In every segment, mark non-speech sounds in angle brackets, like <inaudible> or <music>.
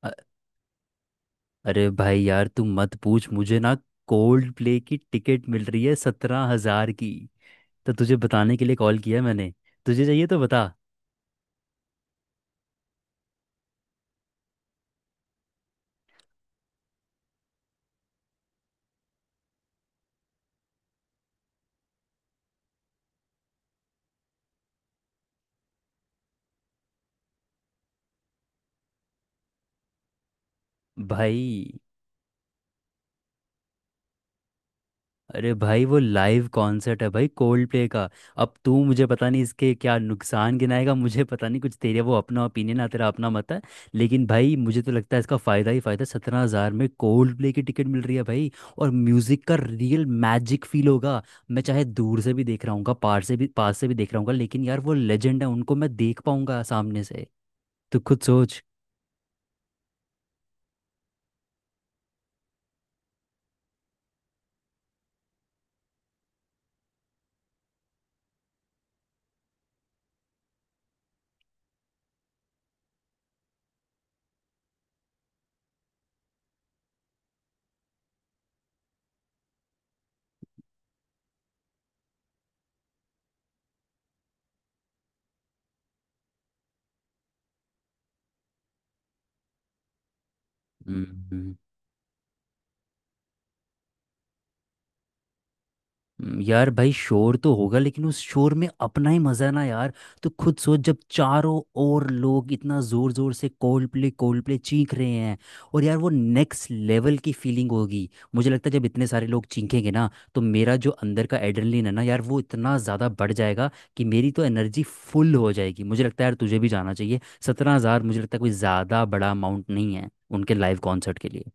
अ- अरे भाई यार, तू मत पूछ मुझे ना। कोल्ड प्ले की टिकट मिल रही है 17,000 की। तो तुझे बताने के लिए कॉल किया मैंने। तुझे चाहिए तो बता भाई। अरे भाई वो लाइव कॉन्सर्ट है भाई, कोल्ड प्ले का। अब तू मुझे पता नहीं इसके क्या नुकसान गिनाएगा, मुझे पता नहीं, कुछ तेरे वो अपना ओपिनियन है, तेरा अपना मत है। लेकिन भाई मुझे तो लगता है इसका फ़ायदा ही फ़ायदा। 17,000 में कोल्ड प्ले की टिकट मिल रही है भाई। और म्यूज़िक का रियल मैजिक फील होगा। मैं चाहे दूर से भी देख रहा हूँ, पार से भी, पास से भी देख रहा हूँ, लेकिन यार वो लेजेंड है, उनको मैं देख पाऊंगा सामने से। तू खुद सोच। हम्म। यार भाई शोर तो होगा, लेकिन उस शोर में अपना ही मजा है ना यार। तो खुद सोच, जब चारों ओर लोग इतना जोर जोर से कोल्ड प्ले चीख रहे हैं। और यार वो नेक्स्ट लेवल की फीलिंग होगी। मुझे लगता है जब इतने सारे लोग चीखेंगे ना, तो मेरा जो अंदर का एड्रेनलिन है ना यार, वो इतना ज़्यादा बढ़ जाएगा कि मेरी तो एनर्जी फुल हो जाएगी। मुझे लगता है यार तुझे भी जाना चाहिए। सत्रह हज़ार मुझे लगता है कोई ज़्यादा बड़ा अमाउंट नहीं है उनके लाइव कॉन्सर्ट के लिए।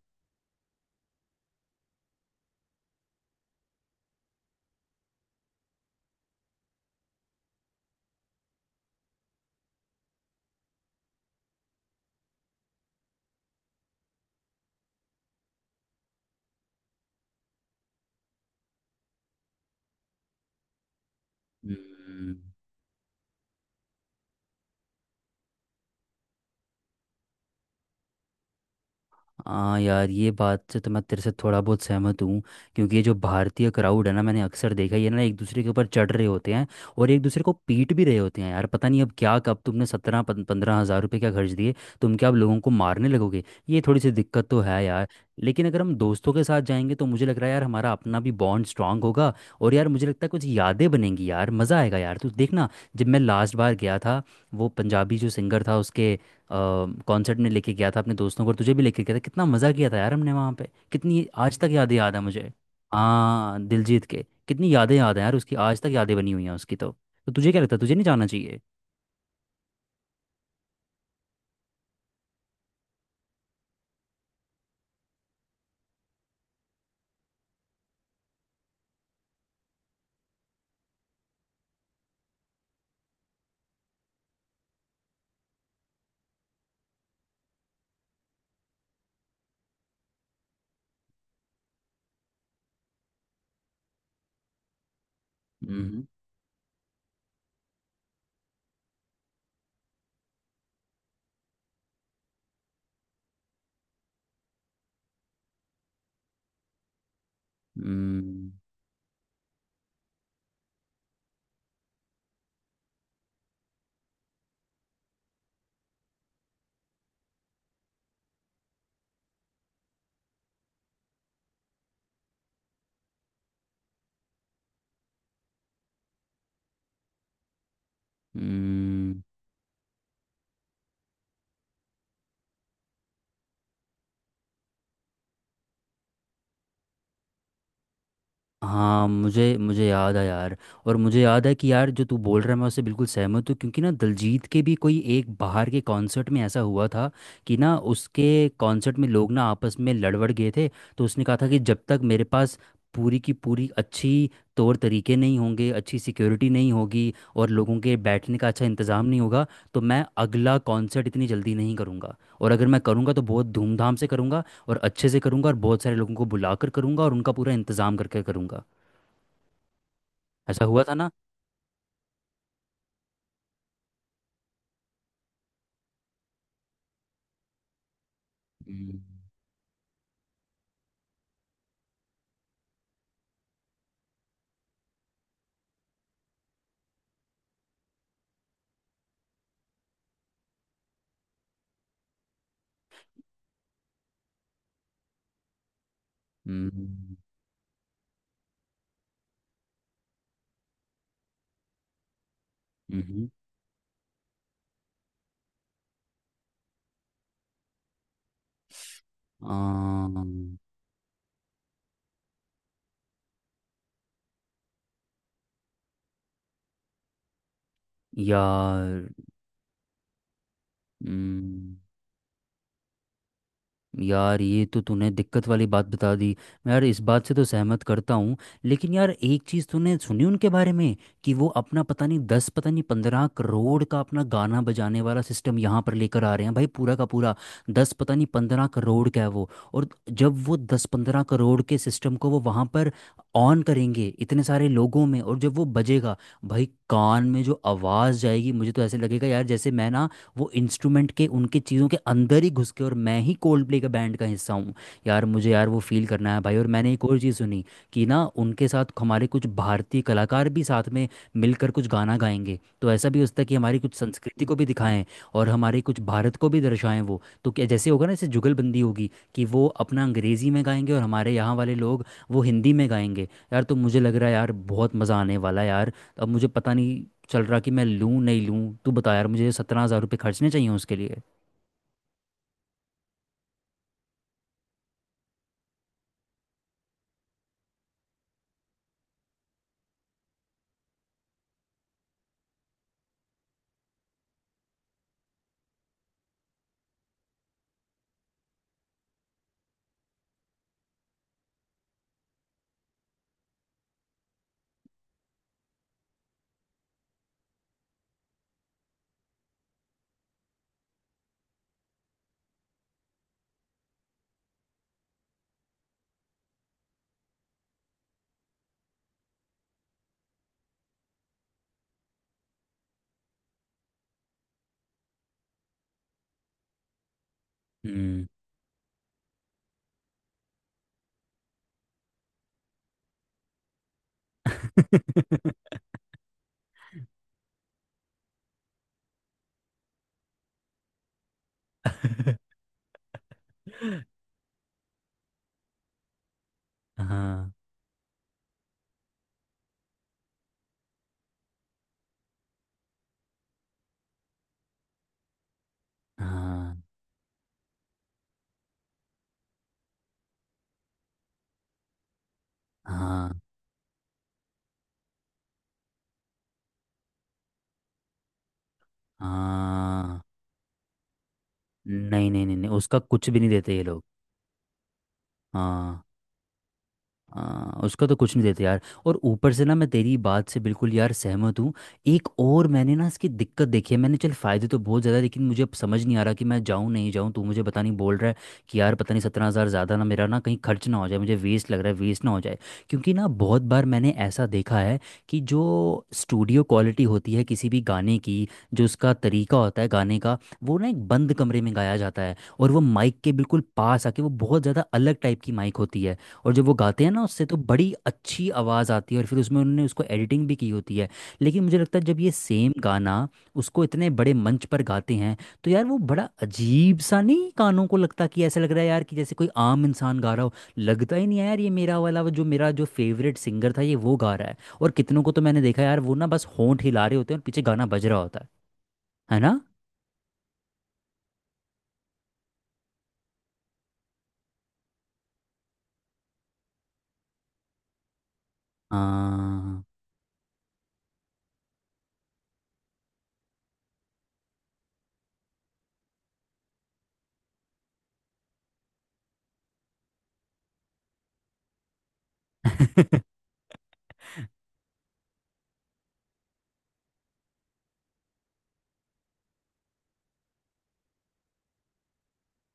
हम्म। हाँ यार, ये बात से तो मैं तेरे से थोड़ा बहुत सहमत हूँ। क्योंकि ये जो भारतीय क्राउड है ना, मैंने अक्सर देखा है, ये ना एक दूसरे के ऊपर चढ़ रहे होते हैं और एक दूसरे को पीट भी रहे होते हैं यार। पता नहीं अब क्या, कब तुमने सत्रह पंद्रह हज़ार रुपये क्या खर्च दिए, तुम क्या अब लोगों को मारने लगोगे। ये थोड़ी सी दिक्कत तो है यार। लेकिन अगर हम दोस्तों के साथ जाएंगे तो मुझे लग रहा है यार, हमारा अपना भी बॉन्ड स्ट्रांग होगा। और यार मुझे लगता है कुछ यादें बनेंगी यार, मज़ा आएगा यार, तू देखना। जब मैं लास्ट बार गया था, वो पंजाबी जो सिंगर था उसके कॉन्सर्ट में लेके गया था अपने दोस्तों को, और तुझे भी लेके गया था, कितना मज़ा किया था यार हमने वहाँ पे, कितनी आज तक यादें याद है मुझे। हाँ दिलजीत के, कितनी यादें याद है यार उसकी, आज तक यादें बनी हुई हैं उसकी तो। तो तुझे क्या लगता है, तुझे नहीं जाना चाहिए? हम्म। हम्म। हम्म, हाँ मुझे मुझे याद है यार। और मुझे याद है कि यार जो तू बोल रहा है, मैं उससे बिल्कुल सहमत हूँ, क्योंकि ना दिलजीत के भी कोई एक बाहर के कॉन्सर्ट में ऐसा हुआ था कि ना उसके कॉन्सर्ट में लोग ना आपस में लड़बड़ गए थे। तो उसने कहा था कि जब तक मेरे पास पूरी की पूरी अच्छी तौर तरीके नहीं होंगे, अच्छी सिक्योरिटी नहीं होगी और लोगों के बैठने का अच्छा इंतज़ाम नहीं होगा, तो मैं अगला कॉन्सर्ट इतनी जल्दी नहीं करूँगा। और अगर मैं करूँगा तो बहुत धूमधाम से करूँगा और अच्छे से करूँगा और बहुत सारे लोगों को बुलाकर करूँगा और उनका पूरा इंतज़ाम करके करूँगा। ऐसा हुआ था ना। हम्म। हम्म। हम्म। हम्म। आ, यार। हम्म, यार ये तो तूने दिक्कत वाली बात बता दी। मैं यार इस बात से तो सहमत करता हूँ। लेकिन यार एक चीज़ तूने सुनी उनके बारे में, कि वो अपना पता नहीं दस, पता नहीं 15 करोड़ का अपना गाना बजाने वाला सिस्टम यहाँ पर लेकर आ रहे हैं भाई, पूरा का पूरा। दस पता नहीं पंद्रह करोड़ का है वो। और जब वो दस 15 करोड़ के सिस्टम को वो वहाँ पर ऑन करेंगे इतने सारे लोगों में, और जब वो बजेगा, भाई कान में जो आवाज़ जाएगी, मुझे तो ऐसे लगेगा यार जैसे मैं ना वो इंस्ट्रूमेंट के उनके चीज़ों के अंदर ही घुस के, और मैं ही कोल्ड प्ले के बैंड का हिस्सा हूँ। यार मुझे यार वो फील करना है भाई। और मैंने एक और चीज़ सुनी, कि ना उनके साथ हमारे कुछ भारतीय कलाकार भी साथ में मिलकर कुछ गाना गाएंगे। तो ऐसा भी हो सकता है कि हमारी कुछ संस्कृति को भी दिखाएं और हमारे कुछ भारत को भी दर्शाएं। वो तो क्या जैसे होगा ना, जैसे जुगलबंदी होगी, कि वो अपना अंग्रेजी में गाएंगे और हमारे यहाँ वाले लोग वो हिंदी में गाएंगे। यार तो मुझे लग रहा है यार बहुत मज़ा आने वाला है यार। अब मुझे पता नहीं चल रहा कि मैं लूं नहीं लूं, तू बता यार मुझे 17,000 रुपये खर्चने चाहिए उसके लिए? हम्म। <laughs> हाँ। हाँ। हाँ। हाँ। नहीं नहीं नहीं नहीं, उसका कुछ भी नहीं देते ये लोग। हाँ। हाँ, उसका तो कुछ नहीं देते यार। और ऊपर से ना मैं तेरी बात से बिल्कुल यार सहमत हूँ। एक और मैंने ना इसकी दिक्कत देखी है मैंने, चल फ़ायदे तो बहुत ज़्यादा है, लेकिन मुझे अब समझ नहीं आ रहा कि मैं जाऊँ नहीं जाऊँ, तू मुझे पता नहीं बोल रहा है कि यार पता नहीं, 17,000 ज़्यादा ना मेरा ना कहीं खर्च ना हो जाए, मुझे वेस्ट लग रहा है, वेस्ट ना हो जाए। क्योंकि ना बहुत बार मैंने ऐसा देखा है, कि जो स्टूडियो क्वालिटी होती है किसी भी गाने की, जो उसका तरीका होता है गाने का, वो ना एक बंद कमरे में गाया जाता है और वो माइक के बिल्कुल पास आके, वो बहुत ज़्यादा अलग टाइप की माइक होती है। और जब वो गाते हैं ना उससे तो बड़ी अच्छी आवाज़ आती है, और फिर उसमें उन्होंने उसको एडिटिंग भी की होती है। लेकिन मुझे लगता है जब ये सेम गाना उसको इतने बड़े मंच पर गाते हैं, तो यार वो बड़ा अजीब सा नहीं कानों को लगता, कि ऐसा लग रहा है यार कि जैसे कोई आम इंसान गा रहा हो। लगता ही नहीं है यार ये मेरा वाला वो, जो मेरा जो फेवरेट सिंगर था, ये वो गा रहा है। और कितनों को तो मैंने देखा यार, वो ना बस होंठ हिला रहे होते हैं और पीछे गाना बज रहा होता है ना। हाँ। <laughs>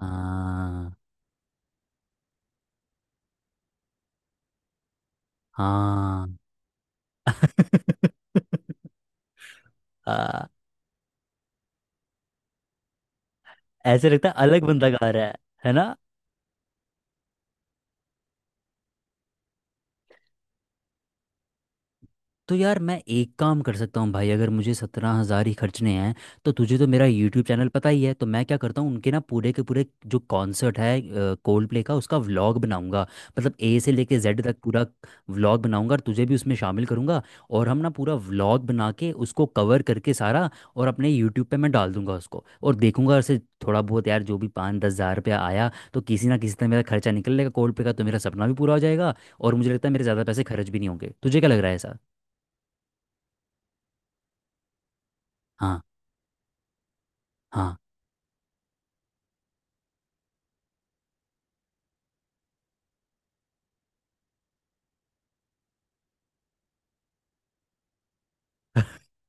हाँ। हाँ। <laughs> हाँ, ऐसे लगता है अलग बंदा गा रहा है ना। तो यार मैं एक काम कर सकता हूँ भाई, अगर मुझे 17,000 ही खर्चने हैं। तो तुझे तो मेरा यूट्यूब चैनल पता ही है, तो मैं क्या करता हूँ, उनके ना पूरे के पूरे जो कॉन्सर्ट है कोल्ड प्ले का, उसका व्लॉग बनाऊंगा। मतलब A से लेके Z तक पूरा व्लॉग बनाऊंगा, और तुझे भी उसमें शामिल करूंगा। और हम ना पूरा व्लॉग बना के उसको कवर करके सारा, और अपने यूट्यूब पे मैं डाल दूंगा उसको, और देखूंगा उसे। थोड़ा बहुत यार जो भी पाँच दस हज़ार रुपया आया, तो किसी ना किसी तरह मेरा खर्चा निकल लेगा, कोल्ड प्ले का तो मेरा सपना भी पूरा हो जाएगा। और मुझे लगता है मेरे ज़्यादा पैसे खर्च भी नहीं होंगे, तुझे क्या लग रहा है ऐसा? हाँ। हाँ।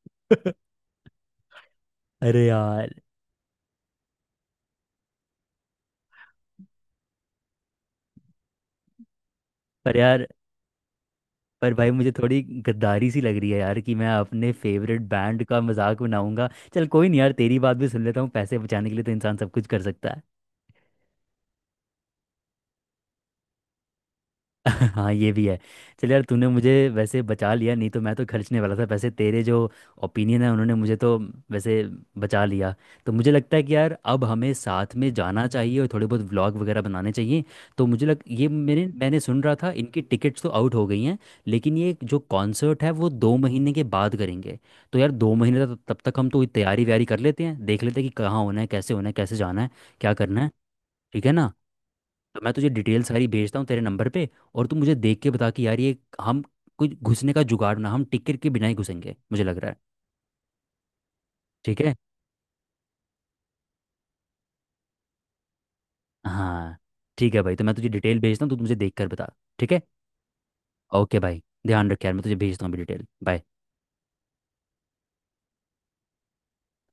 <laughs> अरे यार। पर यार, पर भाई मुझे थोड़ी गद्दारी सी लग रही है यार, कि मैं अपने फेवरेट बैंड का मजाक बनाऊंगा। चल कोई नहीं यार, तेरी बात भी सुन लेता हूँ, पैसे बचाने के लिए तो इंसान सब कुछ कर सकता है। हाँ ये भी है। चल यार, तूने मुझे वैसे बचा लिया, नहीं तो मैं तो खर्चने वाला था पैसे। तेरे जो ओपिनियन है उन्होंने मुझे तो वैसे बचा लिया। तो मुझे लगता है कि यार अब हमें साथ में जाना चाहिए और थोड़े बहुत व्लॉग वगैरह बनाने चाहिए। तो मुझे लग, ये मेरे, मैंने सुन रहा था इनकी टिकट्स तो आउट हो गई हैं। लेकिन ये जो कॉन्सर्ट है वो 2 महीने के बाद करेंगे। तो यार 2 महीने तक, तब तक हम तो तैयारी व्यारी कर लेते हैं, देख लेते हैं कि कहाँ होना है, कैसे होना है, कैसे जाना है, क्या करना है, ठीक है ना। तो मैं तुझे डिटेल सारी भेजता हूँ तेरे नंबर पे, और तू मुझे देख के बता कि यार ये हम कुछ घुसने का जुगाड़, ना हम टिकट के बिना ही घुसेंगे मुझे लग रहा है। ठीक है। हाँ ठीक है भाई, तो मैं तुझे डिटेल भेजता हूँ, तू मुझे देख कर बता। ठीक है। ओके भाई, ध्यान रख यार, मैं तुझे भेजता हूँ अभी डिटेल। बाय।